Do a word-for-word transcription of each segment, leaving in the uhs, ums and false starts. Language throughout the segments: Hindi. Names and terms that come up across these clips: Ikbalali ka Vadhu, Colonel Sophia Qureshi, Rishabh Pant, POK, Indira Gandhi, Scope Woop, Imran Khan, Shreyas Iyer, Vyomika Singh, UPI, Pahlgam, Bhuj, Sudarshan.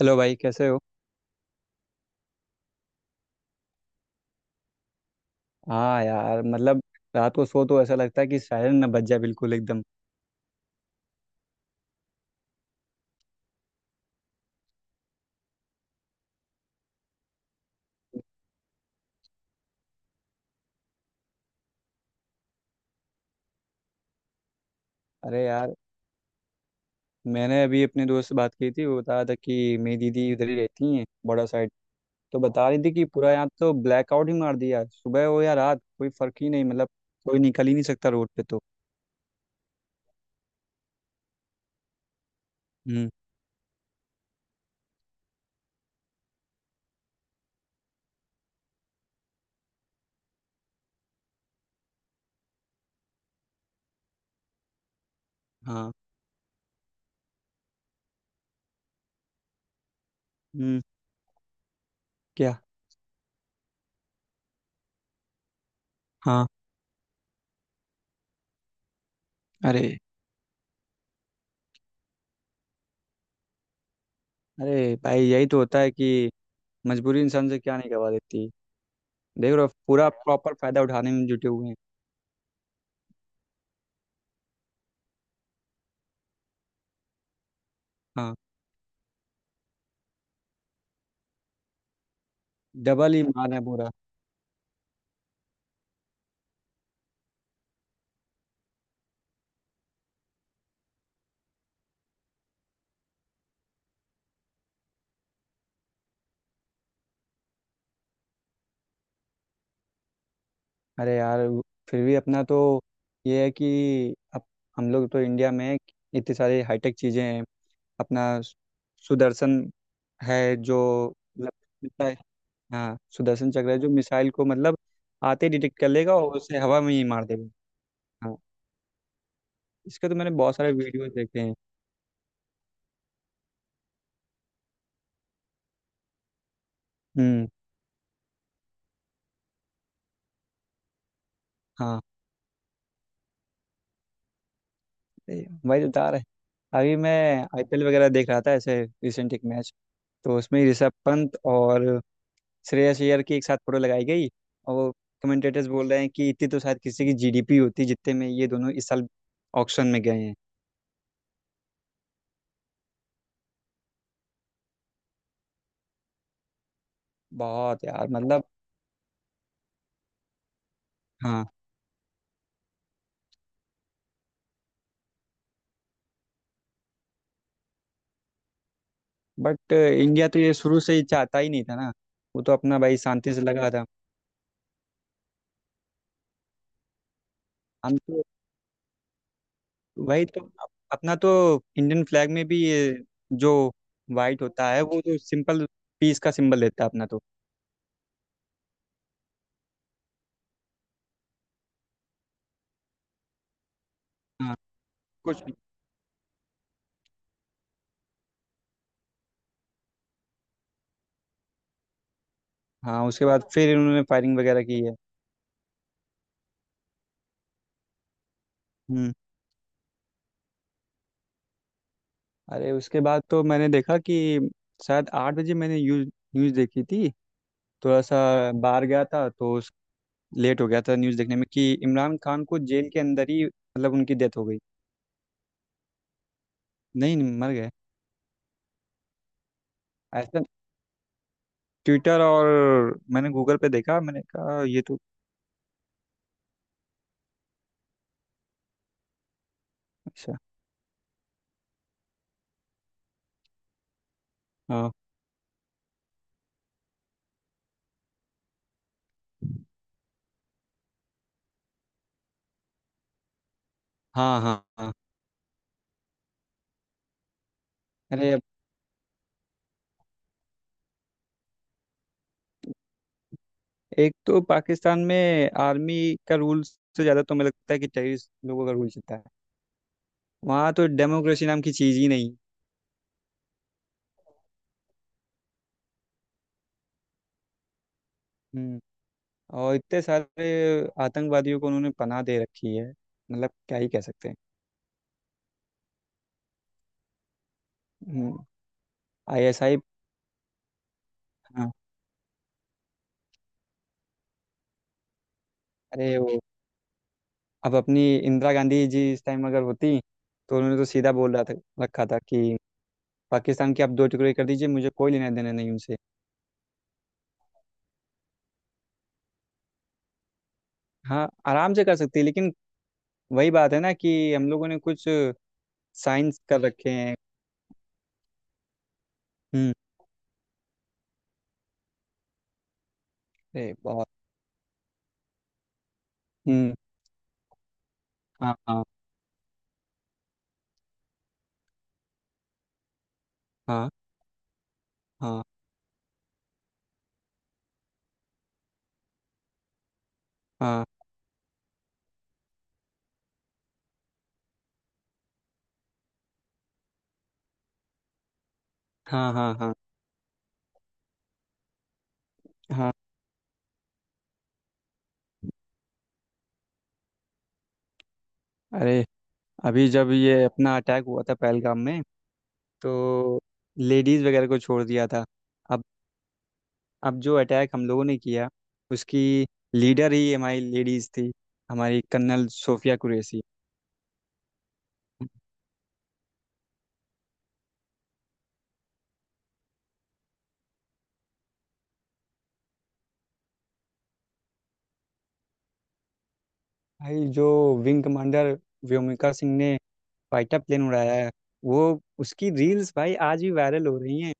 हेलो भाई, कैसे हो। हाँ यार, मतलब रात को सो तो ऐसा लगता है कि सायरन ना बज जाए। बिल्कुल एकदम। अरे यार, मैंने अभी अपने दोस्त से बात की थी। वो बता रहा था कि मेरी दीदी उधर ही रहती हैं, बड़ा साइड। तो बता रही थी कि पूरा यहाँ तो ब्लैकआउट ही मार दिया यार। सुबह हो या रात कोई फर्क ही नहीं, मतलब कोई निकल ही नहीं सकता रोड पे तो। हम्म। हाँ। हम्म। क्या। हाँ। अरे। अरे भाई, यही तो होता है कि मजबूरी इंसान से क्या नहीं करवा देती। देख रहे हो, पूरा प्रॉपर फायदा उठाने में जुटे हुए हैं। हाँ। डबल ही मार है पूरा। अरे यार, वो- फिर भी अपना तो ये है कि अब हम लोग तो इंडिया में इतनी सारी हाईटेक चीज़ें हैं। अपना सु- सुदर्शन है जो, मतलब मिसाइल। हाँ सुदर्शन चक्र है जो मिसाइल को, मतलब आते ही डिटेक्ट कर लेगा और उसे हवा में ही मार देगा। हाँ। इसके तो मैंने बहुत सारे वीडियोस देखे हैं। हम्म। हाँ, ए, वही बता रहे। अभी मैं आईपीएल वगैरह देख रहा था, ऐसे रिसेंट एक मैच। तो उसमें ऋषभ पंत और श्रेयस अय्यर की एक साथ फोटो लगाई गई। और वो कमेंटेटर्स बोल रहे हैं कि इतनी तो शायद किसी की जीडीपी होती जितने में ये दोनों इस साल ऑक्शन में गए हैं। बहुत यार, मतलब। हाँ। बट इंडिया तो ये शुरू से ही चाहता ही नहीं था ना। वो तो अपना भाई शांति से लगा था। हम तो। वही तो अप- अपना तो इंडियन फ्लैग में भी ये जो वाइट होता है वो तो सिंपल पीस का सिंबल देता है अपना तो। हाँ। कुछ भी। हाँ, उसके बाद फिर इन्होंने फायरिंग वगैरह की है। हम्म। अरे, उसके बाद तो मैंने देखा कि शायद आठ बजे मैंने न्यूज न्यूज देखी थी। थोड़ा सा बाहर गया था तो उस लेट हो गया था न्यूज देखने में कि इमरान खान को जेल के अंदर ही मतलब उनकी डेथ हो गई। नहीं नहीं, मर गए। ऐसा ट्विटर और मैंने गूगल पे देखा, मैंने कहा ये तो। अच्छा। हाँ हाँ हाँ। हाँ। अरे अब। एक तो पाकिस्तान में आर्मी का रूल से ज़्यादा तो मुझे लगता है कि टेररिस्ट लोगों का रूल चलता है। वहाँ तो डेमोक्रेसी नाम की चीज़ ही नहीं। हम्म। और इतने सारे आतंकवादियों को उन्होंने पनाह दे रखी है, मतलब क्या ही कह सकते हैं। हम्म। आईएसआई। हाँ। अरे वो, अब अपनी इंदिरा गांधी जी इस टाइम अगर होती तो उन्होंने तो सीधा बोल रहा था, रखा था कि पाकिस्तान की आप दो टुकड़े कर दीजिए, मुझे कोई लेना देना नहीं उनसे। हाँ आराम से कर सकती है, लेकिन वही बात है ना कि हम लोगों ने कुछ साइंस कर रखे हैं। हम्म। अरे बहुत। हम्म। हाँ हाँ हाँ। हाँ हाँ हाँ। हाँ हाँ हाँ। अरे अभी जब ये अपना अटैक हुआ था पहलगाम में, तो लेडीज़ वगैरह को छोड़ दिया था। अब अब जो अटैक हम लोगों ने किया उसकी लीडर ही हमारी लेडीज़ थी, हमारी कर्नल सोफिया कुरैशी। भाई जो विंग कमांडर व्योमिका सिंह ने फाइटर प्लेन उड़ाया है वो, उसकी रील्स भाई आज भी वायरल हो रही हैं।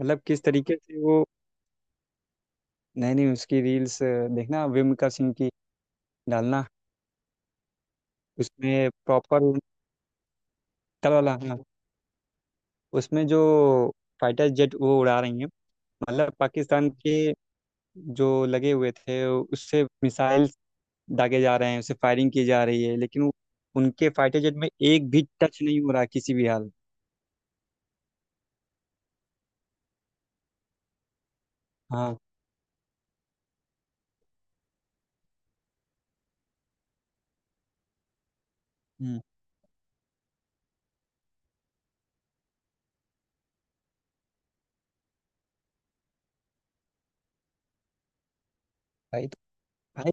मतलब किस तरीके से वो। नहीं नहीं, उसकी रील्स देखना, व्योमिका सिंह की डालना। उसमें प्रॉपर तल वाला हाँ। उसमें जो फाइटर जेट वो उड़ा रही हैं, मतलब पाकिस्तान के जो लगे हुए थे उससे मिसाइल दागे जा रहे हैं, उससे फायरिंग की जा रही है, लेकिन वो- उनके फाइटर जेट में एक भी टच नहीं हो रहा किसी भी हाल। हाँ। हम्म। भाई तो भाई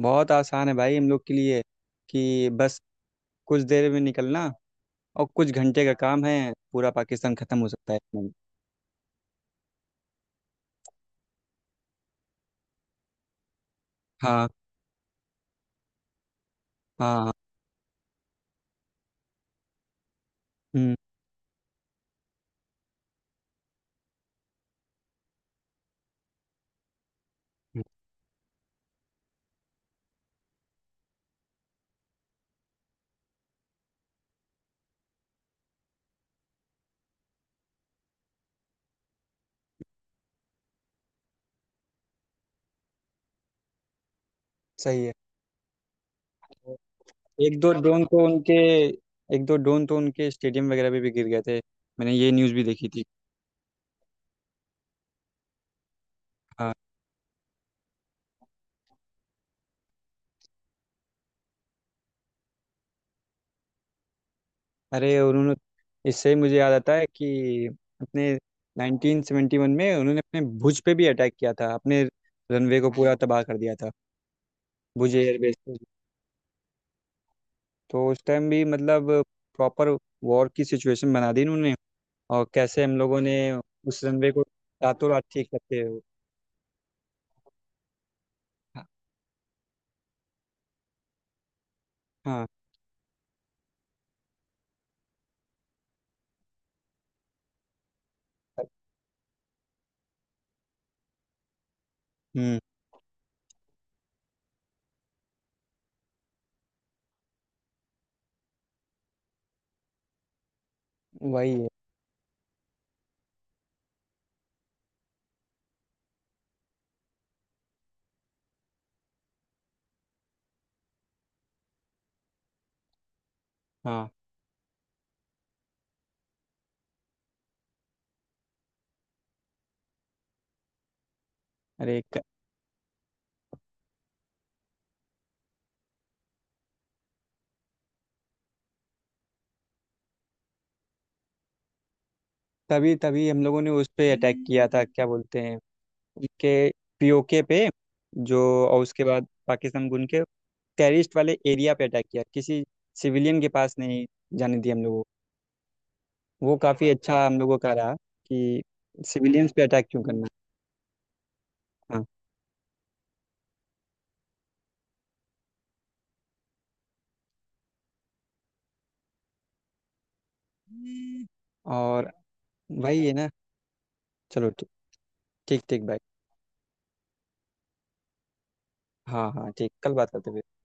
बहुत आसान है भाई हम लोग के लिए कि बस कुछ देर में निकलना, और कुछ घंटे का काम है, पूरा पाकिस्तान खत्म हो सकता है इसमें। हाँ हाँ हाँ। हम्म। हम्म। सही है। एक दो ड्रोन तो उनके एक दो ड्रोन तो उनके स्टेडियम वगैरह में भी गिर गए थे, मैंने ये न्यूज़ भी देखी थी। हाँ। अरे उन्होंने, इससे ही मुझे याद आता है कि अपने नाइनटीन सेवेंटी वन में उन्होंने अपने भुज पे भी अटैक किया था, अपने रनवे को पूरा तबाह कर दिया था, भुज एयरबेस पे। तो उस टाइम भी मतलब प्रॉपर वॉर की सिचुएशन बना दी उन्होंने। और कैसे हम लोगों ने उस रनवे को रातों रात ठीक करते हुए। हाँ हाँ। हम्म। वही है। हाँ। अरे क- तभी तभी हम लोगों ने उस पे अटैक किया था क्या बोलते हैं उनके पीओके पे जो। और उसके बाद पाकिस्तान गुन के टेरिस्ट वाले एरिया पे अटैक किया, किसी सिविलियन के पास नहीं जाने दिया हम लोगों को। वो काफ़ी अच्छा हम लोगों का रहा कि सिविलियंस पे अटैक क्यों करना। हाँ। और वही है ना। चलो ठीक। ठीक ठीक भाई। हाँ हाँ, ठीक कल बात करते हैं फिर।